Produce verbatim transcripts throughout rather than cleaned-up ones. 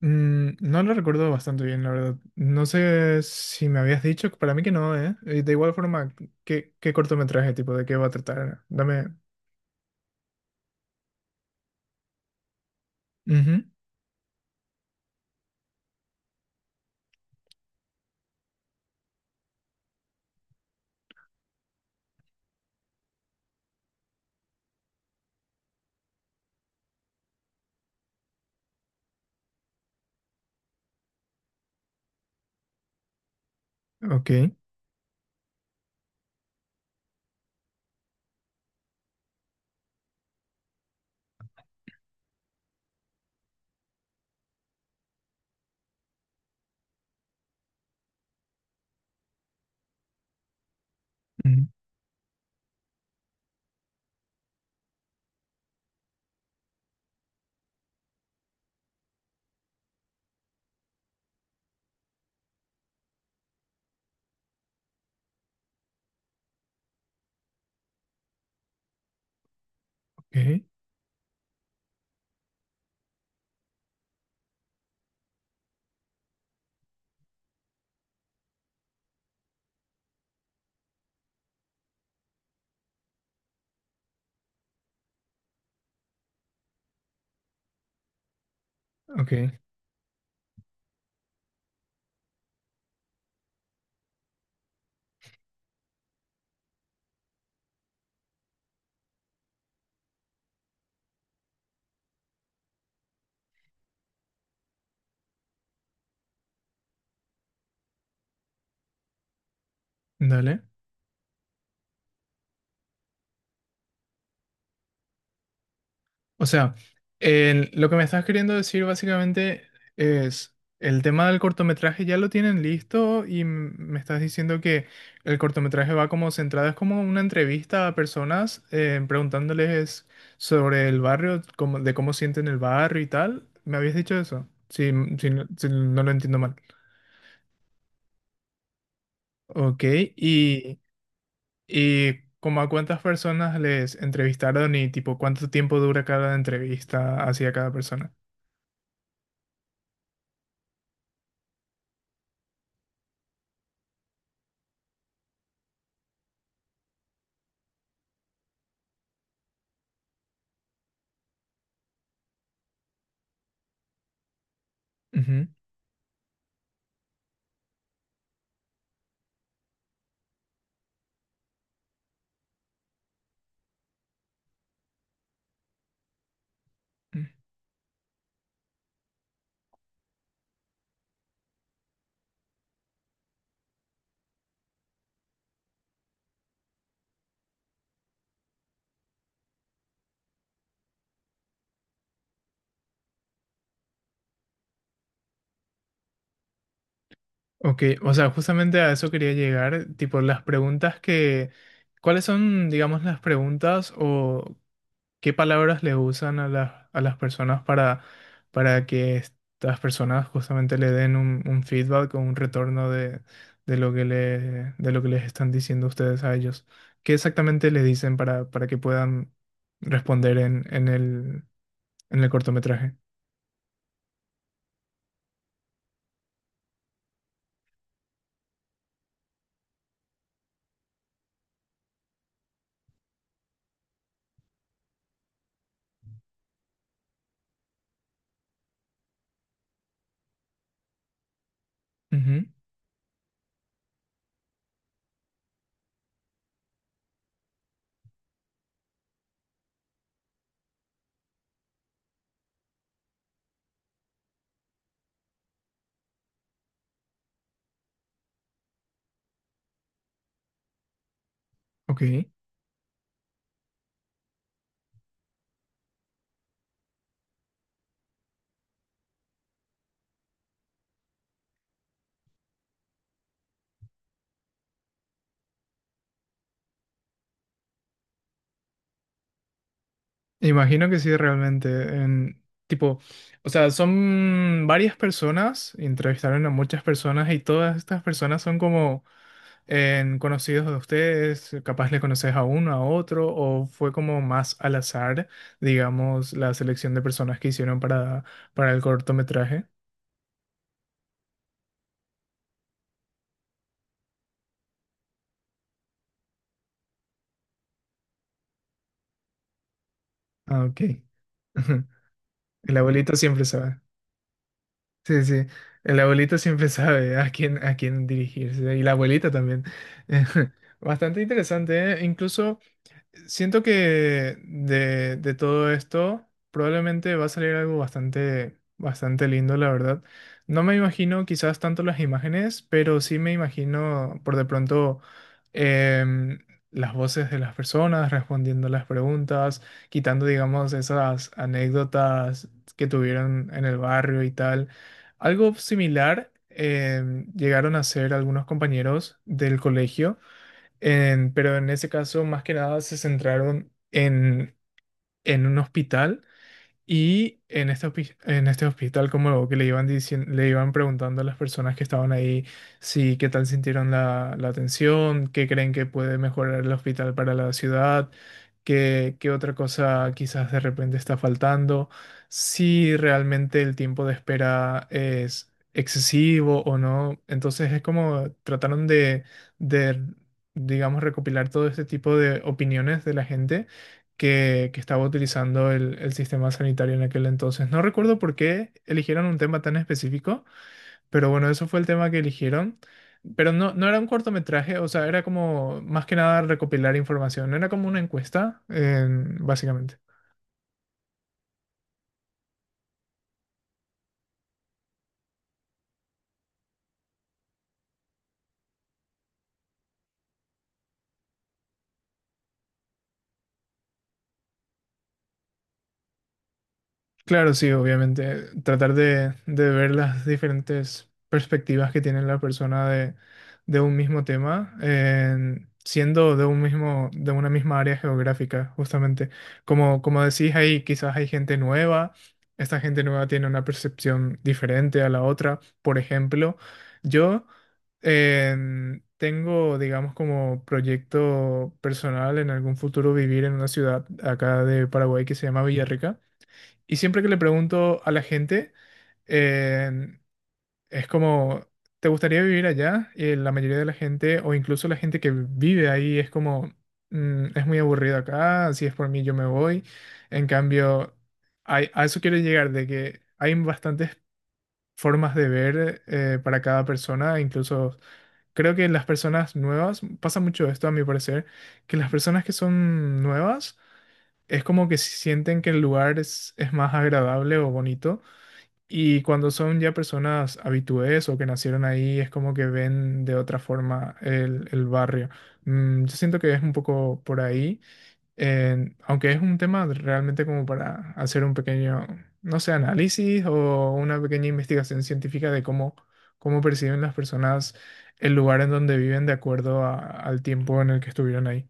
Mm, no lo recuerdo bastante bien, la verdad. No sé si me habías dicho, para mí que no, ¿eh? Y De igual forma, ¿qué, qué cortometraje, tipo, de qué va a tratar? Dame. Ujú. Ok. Ujú. Ok. Ok. Dale. O sea, el- lo que me estás queriendo decir básicamente es: el tema del cortometraje ya lo tienen listo y m- me estás diciendo que el cortometraje va como centrado, es como una entrevista a personas, eh, preguntándoles sobre el barrio, cómo- de cómo sienten el barrio y tal. ¿Me habías dicho eso? Si, si no si no lo entiendo mal. Ok, y, y como a cuántas personas les entrevistaron y tipo cuánto tiempo dura cada entrevista hacia cada persona. Ujú. Ok, o sea, justamente a eso quería llegar, tipo las preguntas que, ¿cuáles son, digamos, las preguntas o qué palabras le usan a las, a las personas para, para que estas personas justamente le den un, un feedback o un retorno de, de lo que le, de lo que les están diciendo ustedes a ellos? ¿Qué exactamente le dicen para, para que puedan responder en, en el, en el cortometraje? Ujú. Ok. Imagino que sí, realmente. En, tipo, o sea, son varias personas, entrevistaron a muchas personas y todas estas personas son como en conocidos de ustedes, capaz le conoces a uno, a otro, o fue como más al azar, digamos, la selección de personas que hicieron para, para el cortometraje. Ah, ok. El abuelito siempre sabe. Sí, sí. El abuelito siempre sabe a quién, a quién dirigirse. Y la abuelita también. Bastante interesante, ¿eh? Incluso, siento que de, de todo esto probablemente va a salir algo bastante, bastante lindo, la verdad. No me imagino quizás tanto las imágenes, pero sí me imagino por de pronto em, las voces de las personas respondiendo las preguntas, quitando, digamos, esas anécdotas que tuvieron en el barrio y tal. Algo similar em, llegaron a hacer algunos compañeros del colegio en- pero en ese caso, más que nada, se centraron en, en un hospital. Y en este, hospi- en este hospital, como lo que le iban diciendo, le iban preguntando a las personas que estaban ahí si qué tal sintieron la, la atención, qué creen que puede mejorar el hospital para la ciudad, qué, qué otra cosa quizás de repente está faltando, si realmente el tiempo de espera es excesivo o no. Entonces es como trataron de, de digamos, recopilar todo este tipo de opiniones de la gente que, que estaba utilizando el, el sistema sanitario en aquel entonces. No recuerdo por qué eligieron un tema tan específico, pero bueno, eso fue el tema que eligieron. Pero no, no era un cortometraje, o sea, era como más que nada recopilar información, era como una encuesta, en- básicamente. Claro, sí, obviamente. Tratar de, de ver las diferentes perspectivas que tiene la persona de, de un mismo tema, en- siendo de un mismo, de una misma área geográfica, justamente. Como, como decís ahí, quizás hay gente nueva, esta gente nueva tiene una percepción diferente a la otra. Por ejemplo, yo em, tengo, digamos, como proyecto personal en algún futuro vivir en una ciudad acá de Paraguay que se llama Villarrica. Y siempre que le pregunto a la gente, eh, es como, ¿te gustaría vivir allá? Y la mayoría de la gente, o incluso la gente que vive ahí, es como, "Mm, es muy aburrido acá, si es por mí yo me voy". En cambio, hay- a eso quiero llegar, de que hay bastantes formas de ver, eh, para cada persona. Incluso creo que las personas nuevas, pasa mucho esto a mi parecer, que las personas que son nuevas es como que sienten que el lugar es, es más agradable o bonito, y cuando son ya personas habitués o que nacieron ahí, es como que ven de otra forma el, el barrio. Mm, yo siento que es un poco por ahí, en- aunque es un tema realmente como para hacer un pequeño, no sé, análisis o una pequeña investigación científica de cómo, cómo perciben las personas el lugar en donde viven de acuerdo a- al tiempo en el que estuvieron ahí.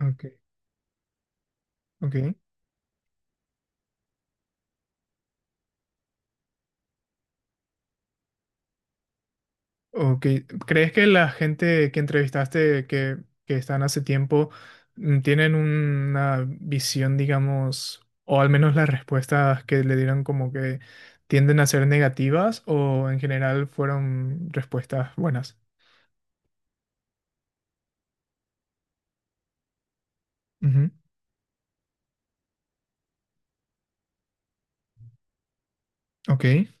Ok, ok. Ok, ¿crees que la gente que entrevistaste que, que están hace tiempo mm, tienen una visión, digamos, o al menos las respuestas que le dieron como que tienden a ser negativas o en general fueron respuestas buenas? Ujú. Ok.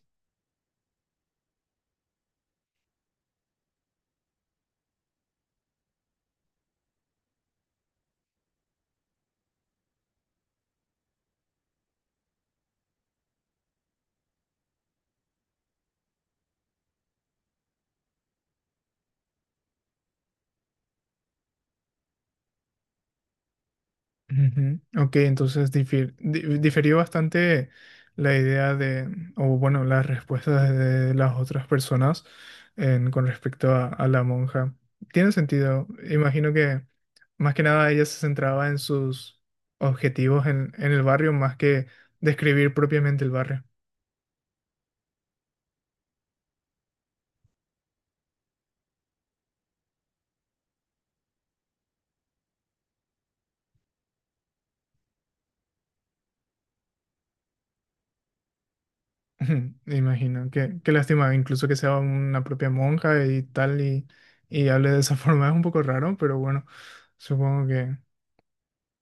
Ujú. Ok, entonces difir- di- diferió bastante la idea de, o bueno, las respuestas de las otras personas en- con respecto a, a la monja. Tiene sentido. Imagino que más que nada ella se centraba en sus objetivos en, en el barrio más que describir propiamente el barrio. Ujú, imagino. Qué, qué lástima, incluso que sea una propia monja y tal y, y hable de esa forma. Es un poco raro, pero bueno, supongo que...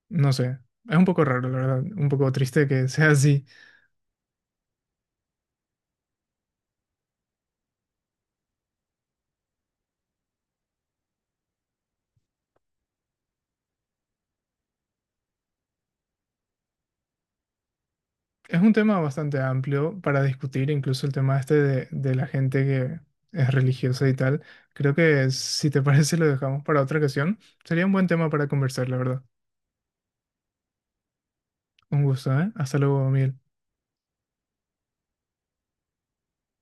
No sé, es un poco raro, la verdad, un poco triste que sea así. Es un tema bastante amplio para discutir, incluso el tema este de, de la gente que es religiosa y tal. Creo que si te parece lo dejamos para otra ocasión. Sería un buen tema para conversar, la verdad. Un gusto, ¿eh? Hasta luego, Miguel.